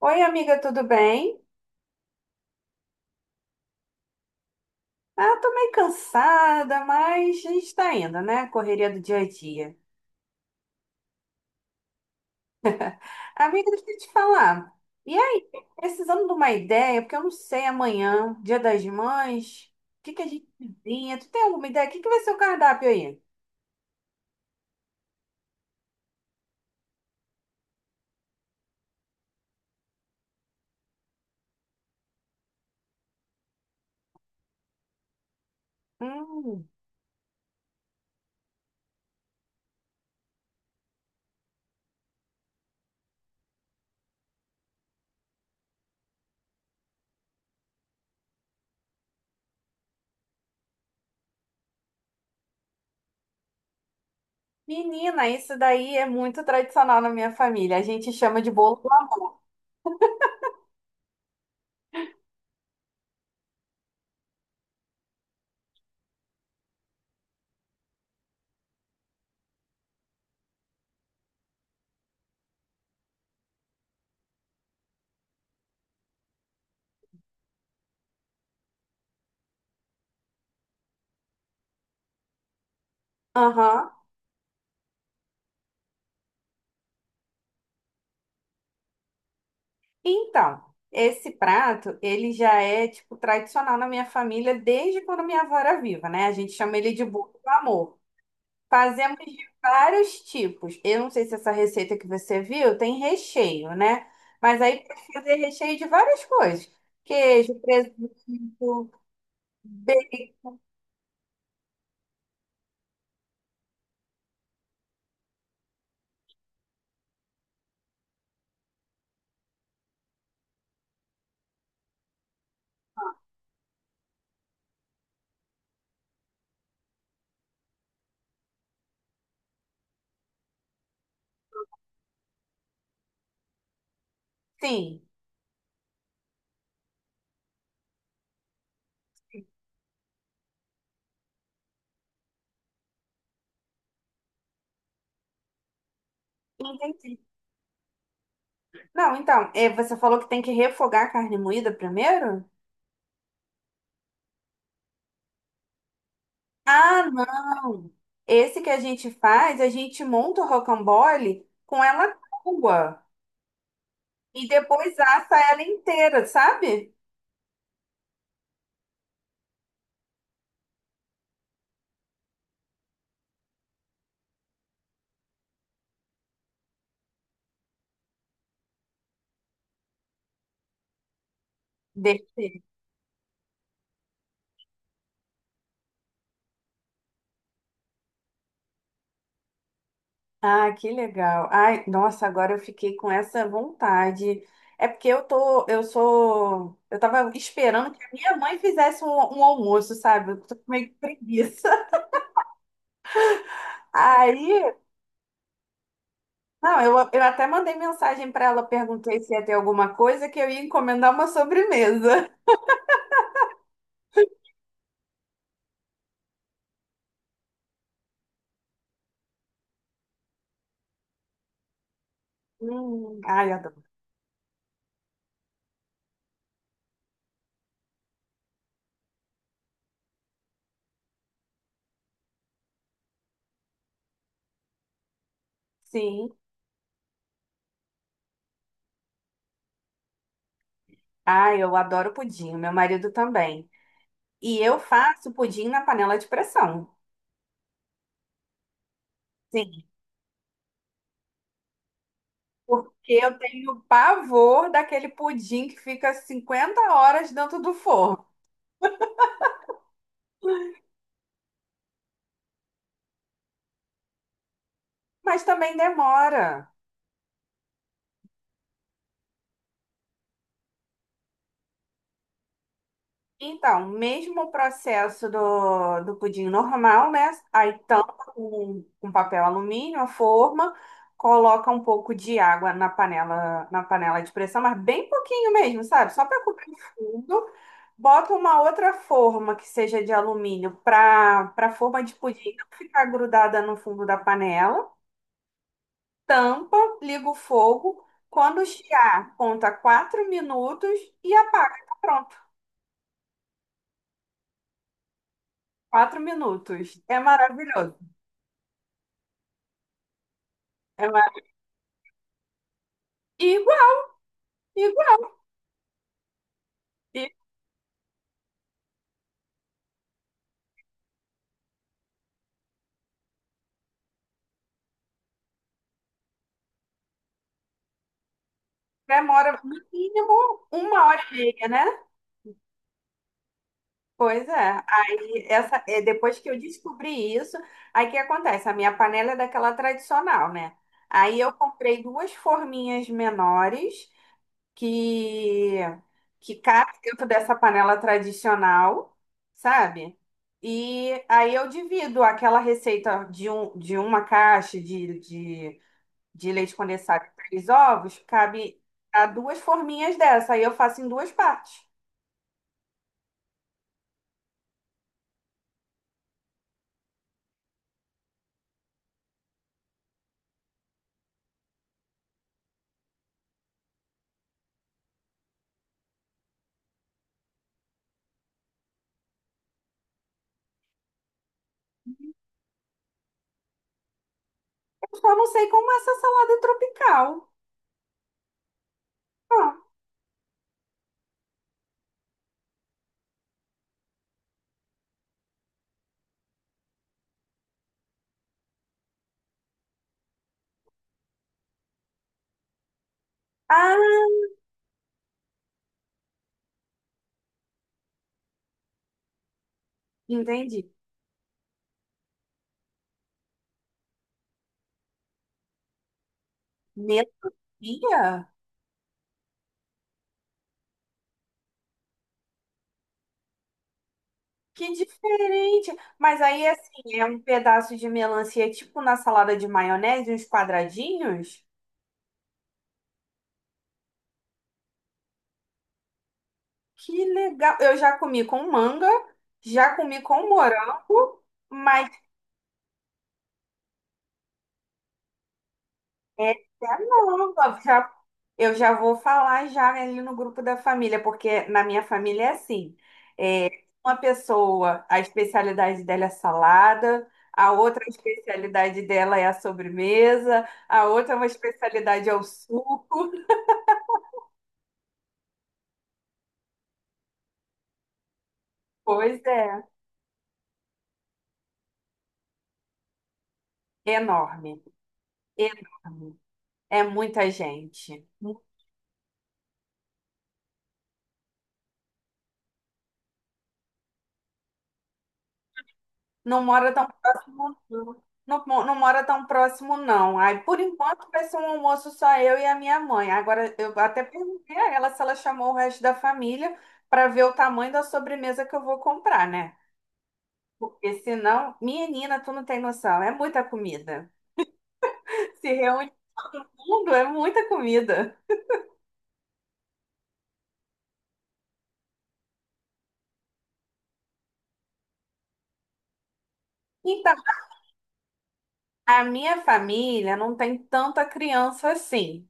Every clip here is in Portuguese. Oi, amiga, tudo bem? Ah, tô meio cansada, mas a gente tá indo, né? Correria do dia a dia. Amiga, deixa eu te falar. E aí, precisando de uma ideia, porque eu não sei amanhã, Dia das Mães, o que que a gente cozinha? Tu tem alguma ideia? O que que vai ser o cardápio aí? Hum, Menina, isso daí é muito tradicional na minha família. A gente chama de bolo do amor. Aham. Então, esse prato, ele já é, tipo, tradicional na minha família desde quando minha avó era viva, né? A gente chama ele de bolo do amor. Fazemos de vários tipos. Eu não sei se essa receita que você viu tem recheio, né? Mas aí pode fazer recheio de várias coisas. Queijo, presunto, bacon. Sim, entendi. Não, então, é, você falou que tem que refogar a carne moída primeiro? Ah, não. Esse que a gente faz, a gente monta o rocambole com ela crua e depois assa ela inteira, sabe? Derreter. Ah, que legal. Ai, nossa, agora eu fiquei com essa vontade. É porque eu tô, eu sou, eu tava esperando que a minha mãe fizesse um almoço, sabe? Eu tô com meio que preguiça. Aí, não, eu até mandei mensagem pra ela, perguntei se ia ter alguma coisa que eu ia encomendar uma sobremesa. Ai, adoro. Sim. Ah, eu adoro pudim, meu marido também. E eu faço pudim na panela de pressão. Sim, porque eu tenho pavor daquele pudim que fica 50 horas dentro do forno. Mas também demora. Então, mesmo o processo do pudim normal, né? Aí tampa com papel alumínio a forma, coloca um pouco de água na panela de pressão, mas bem pouquinho mesmo, sabe? Só para cobrir o fundo. Bota uma outra forma que seja de alumínio para a forma de pudim não ficar grudada no fundo da panela. Tampa, liga o fogo. Quando chiar, conta 4 minutos e apaga. Tá pronto. 4 minutos. É maravilhoso. É mar... Igual, igual. E demora no mínimo uma hora e meia, né? Pois é. Aí essa, é, depois que eu descobri isso, aí o que acontece? A minha panela é daquela tradicional, né? Aí eu comprei duas forminhas menores que que cabem dentro dessa panela tradicional, sabe? E aí eu divido aquela receita de uma caixa de leite condensado e três ovos, cabe a duas forminhas dessa. Aí eu faço em duas partes. Eu só não sei como é essa salada tropical. Ah, ah, entendi. Melancia? Que diferente. Mas aí, assim, é um pedaço de melancia, tipo na salada de maionese, uns quadradinhos. Que legal. Eu já comi com manga, já comi com morango, mas essa é nova, já, eu já vou falar já ali no grupo da família, porque na minha família é assim, é, uma pessoa, a especialidade dela é salada, a outra a especialidade dela é a sobremesa, a outra uma especialidade é o suco. Pois é, enorme, enorme. É muita gente. Não mora tão próximo, não. Não, não mora tão próximo, não. Aí, por enquanto, vai ser um almoço só eu e a minha mãe. Agora, eu até perguntei a ela se ela chamou o resto da família para ver o tamanho da sobremesa que eu vou comprar, né? Porque senão, menina, tu não tem noção, é muita comida. Se reúne tudo, é muita comida. Então, a minha família não tem tanta criança assim.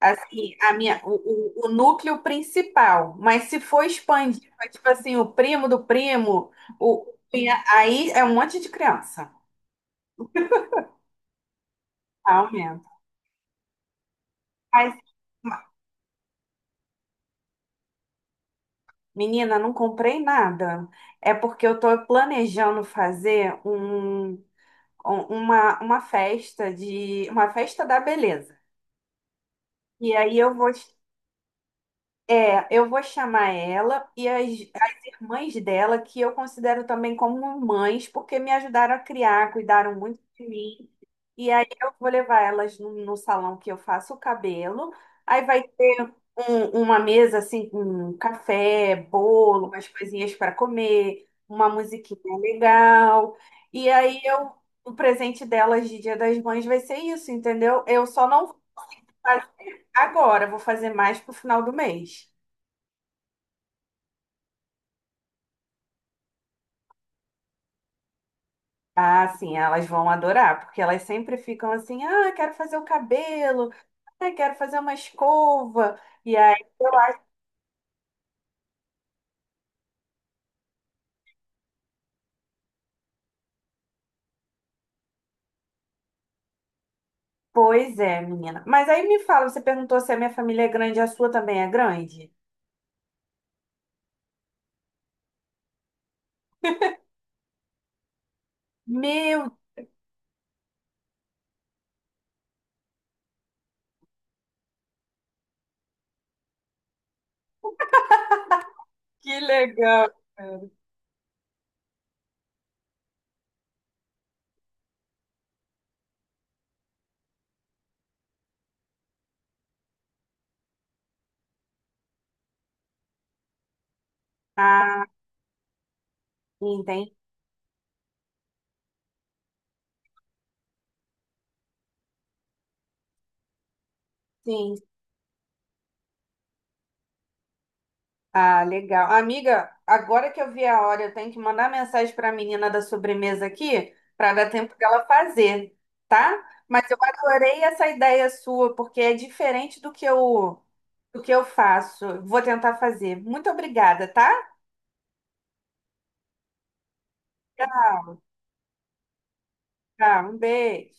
Assim, a minha, o núcleo principal, mas se for expandir, for, tipo assim, o primo do primo, o, aí é um monte de criança. Aumenta. Mas, menina, não comprei nada. É porque eu tô planejando fazer uma festa da beleza. E aí eu vou É, Eu vou chamar ela e as irmãs dela, que eu considero também como mães, porque me ajudaram a criar, cuidaram muito de mim. E aí eu vou levar elas no salão que eu faço o cabelo. Aí vai ter uma mesa assim com café, bolo, umas coisinhas para comer, uma musiquinha legal. E aí eu, o presente delas de Dia das Mães vai ser isso, entendeu? Eu só não vou fazer agora, vou fazer mais pro final do mês. Ah, sim, elas vão adorar, porque elas sempre ficam assim, ah, quero fazer o cabelo, ah, quero fazer uma escova. E aí, pois é, menina. Mas aí me fala, você perguntou se a minha família é grande, a sua também é grande? Meu, que legal. Ah, entendi. Ah, legal. Amiga, agora que eu vi a hora, eu tenho que mandar mensagem para a menina da sobremesa aqui, para dar tempo dela fazer, tá? Mas eu adorei essa ideia sua, porque é diferente do que eu faço. Vou tentar fazer. Muito obrigada, tá? Tá, um beijo.